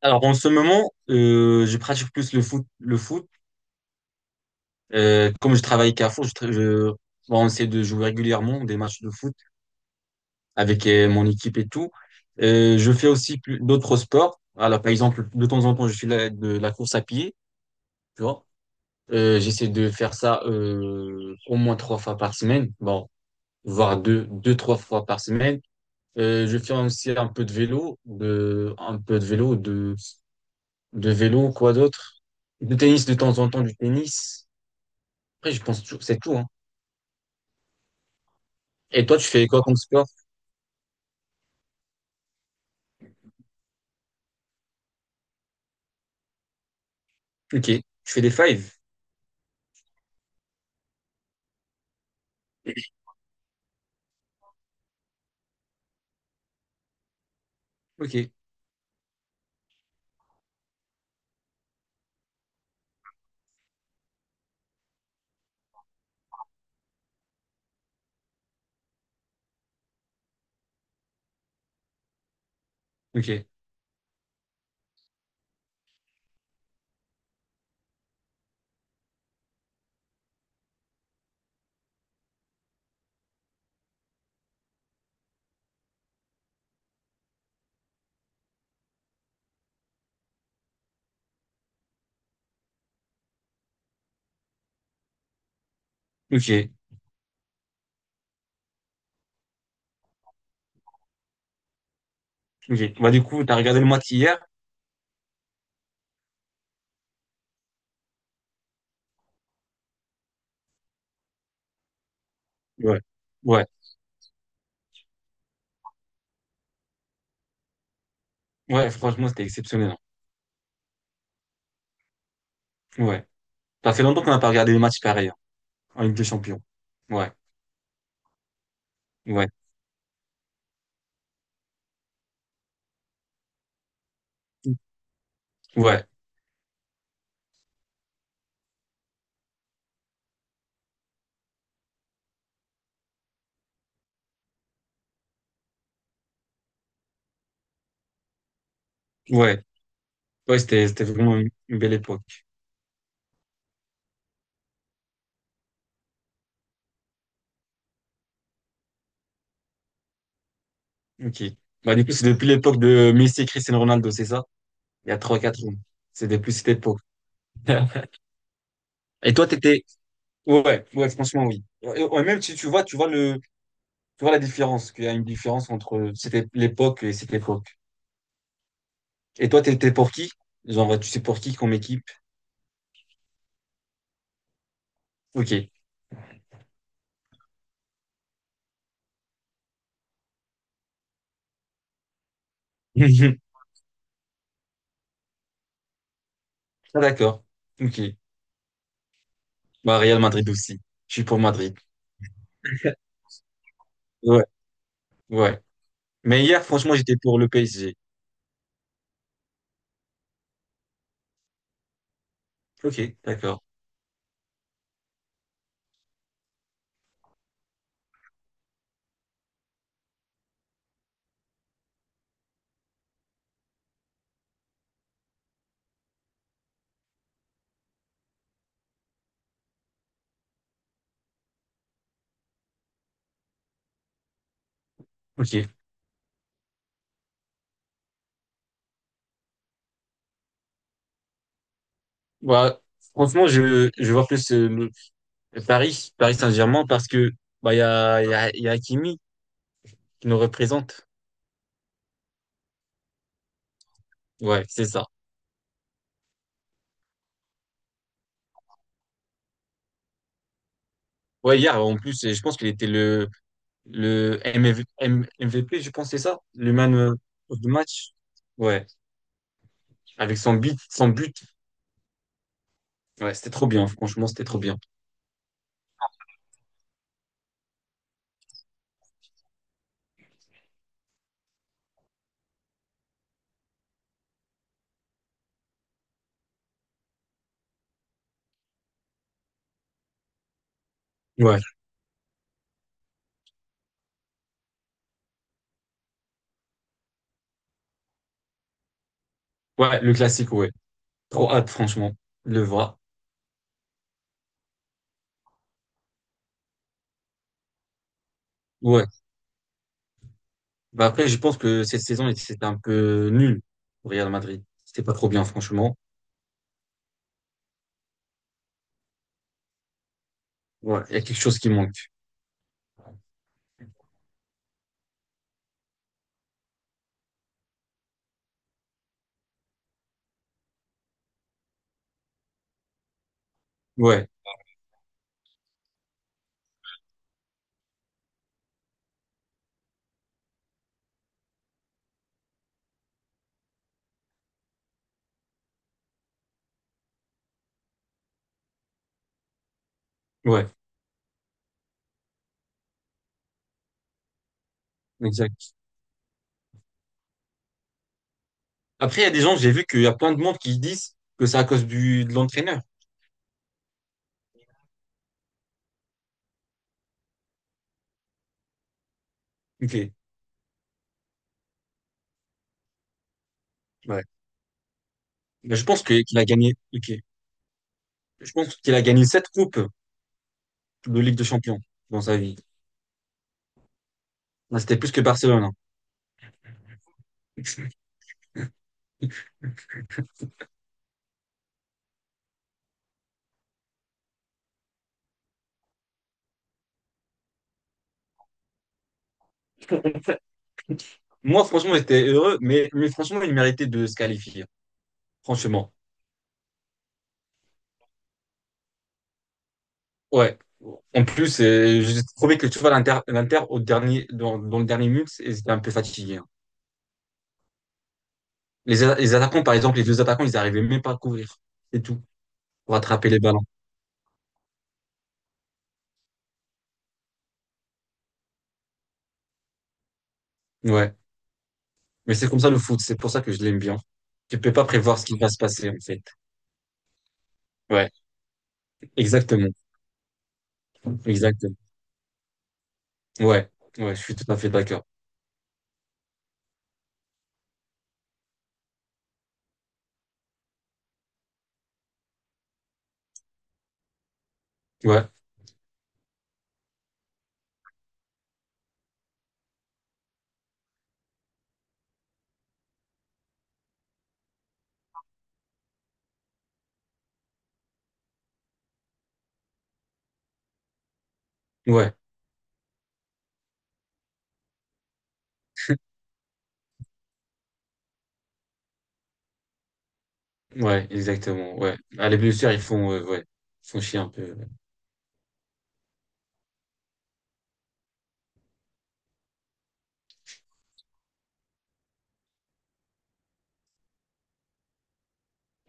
Alors, en ce moment, je pratique plus le foot. Le foot. Comme je travaille Carrefour, bon, on essaie de jouer régulièrement des matchs de foot avec mon équipe et tout. Je fais aussi d'autres sports. Alors, par exemple, de temps en temps, je fais de la course à pied, tu vois. J'essaie de faire ça au moins trois fois par semaine, bon, voire deux, deux, trois fois par semaine. Je fais aussi un peu de vélo, un peu de vélo, de vélo, quoi d'autre? De tennis de temps en temps, du tennis. Après, je pense toujours, c'est tout, hein. Et toi, tu fais quoi comme sport? Ok. Tu fais des fives? Ok. Ok. Ok. Ok. Bah, du coup, t'as regardé le match hier? Ouais. Ouais. Ouais, franchement, c'était exceptionnel, hein. Ouais. Ça fait longtemps qu'on n'a pas regardé le match pareil, hein, en Ligue des Champions. Ouais. Ouais. Ouais. Ouais. Ouais, c'était vraiment une belle époque. Ok. Bah, du coup, c'est depuis l'époque de Messi et Cristiano Ronaldo, c'est ça? Il y a trois quatre ans. C'est depuis cette époque. Et toi, t'étais, ouais, ouais, franchement, oui. Et- ouais, même si tu vois, tu vois le, tu vois la différence, qu'il y a une différence entre l'époque et cette époque. Et toi, t'étais pour qui? Genre, bah, tu sais pour qui comme équipe? Ok. Ah, d'accord. Ok. Bah, Real Madrid aussi. Je suis pour Madrid. Ouais, ouais. Mais hier, franchement, j'étais pour le PSG. Ok, d'accord. Ok. Bah, franchement, je vois plus Paris Saint-Germain, parce que bah, il y a Hakimi qui nous représente. Ouais, c'est ça. Ouais, hier, en plus, et je pense qu'il était le M MV MVP, je pense, c'est ça? Le man of the match? Ouais, avec son but, son but. Ouais, c'était trop bien, franchement, c'était trop bien. Ouais, ouais, le classique, ouais. Trop hâte, franchement, de le voir. Ouais. Bah après, je pense que cette saison, c'était un peu nul au Real Madrid. C'était pas trop bien, franchement. Ouais, il y a quelque chose qui manque. Ouais, ouais, exact. Après, il y a des gens, j'ai vu qu'il y a plein de monde qui disent que c'est à cause de l'entraîneur. Ok. Ouais. Mais je pense qu'il a gagné. Ok. Je pense qu'il a gagné sept coupes de Ligue des Champions dans sa vie. Là, c'était plus que Barcelone, hein. Moi, franchement, j'étais heureux, mais franchement, il méritait de se qualifier. Franchement. Ouais. En plus, j'ai trouvé que tu vois, l'Inter, dans le dernier minute, ils étaient un peu fatigués, hein. Les attaquants, par exemple, les deux attaquants, ils n'arrivaient même pas à couvrir. C'est tout. Pour attraper les ballons. Ouais. Mais c'est comme ça le foot. C'est pour ça que je l'aime bien. Tu peux pas prévoir ce qui va se passer, en fait. Ouais. Exactement. Exactement. Ouais, ouais, je suis tout à fait d'accord. Ouais, ouais, ouais, exactement. Ouais. Ah, les blessures, ils font, ouais, ils font chier un peu, ouais.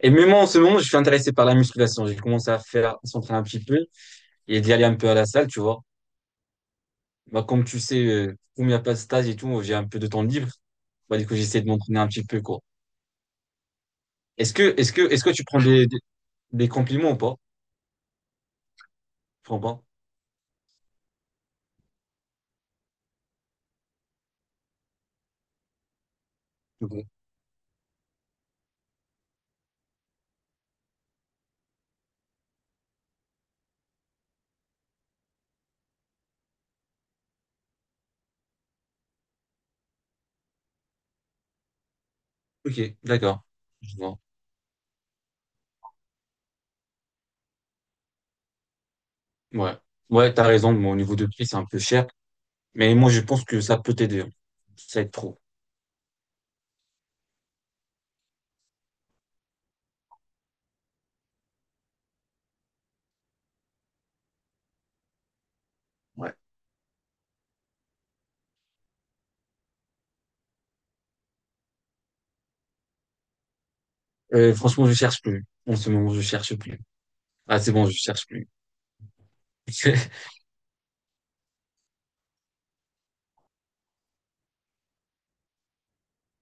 Et même moi, en ce moment, je suis intéressé par la musculation. J'ai commencé à faire, à s'entraîner un petit peu et d'y aller un peu à la salle, tu vois. Bah, comme tu sais, comme il n'y a pas de stage et tout, j'ai un peu de temps libre. Bah, du coup, j'essaie de m'entraîner un petit peu, quoi. Est-ce que tu prends des compliments ou pas? Je prends pas. Ok, ok, d'accord. Je vois. Ouais. Ouais, t'as raison. Mon niveau de prix, c'est un peu cher. Mais moi, je pense que ça peut t'aider, hein. Ça aide trop. Ouais. Franchement, je cherche plus. En ce moment, je cherche plus. Ah, c'est bon, je cherche plus.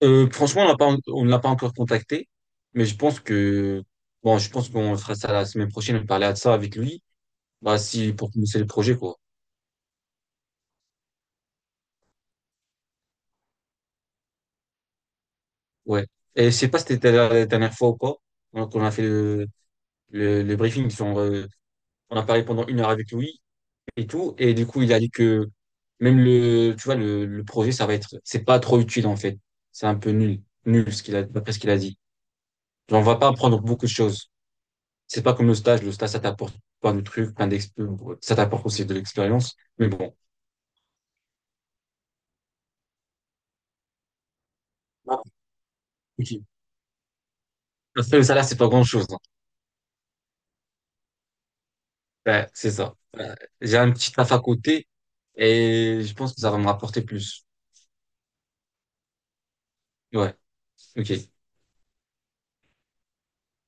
Franchement, on ne l'a pas encore contacté, mais je pense que, bon, je pense qu'on fera ça la semaine prochaine, parler de ça avec lui, bah, si, pour commencer le projet, quoi. Ouais. Et je sais pas si c'était la dernière fois ou pas, qu'on a fait le briefing, on a parlé pendant une heure avec lui et tout, et du coup, il a dit que même tu vois, le projet, ça va être, c'est pas trop utile, en fait. C'est un peu nul, nul, ce qu'il a, d'après ce qu'il a dit. Genre, on va pas apprendre beaucoup de choses. C'est pas comme le stage. Le stage, ça t'apporte plein de trucs, plein d'expériences. Ça t'apporte aussi de l'expérience. Mais bon. Ah, ok. Parce que le salaire, c'est pas grand-chose, hein. Ouais, c'est ça. Ouais. J'ai un petit taf à côté et je pense que ça va me rapporter plus. Ouais. Ok.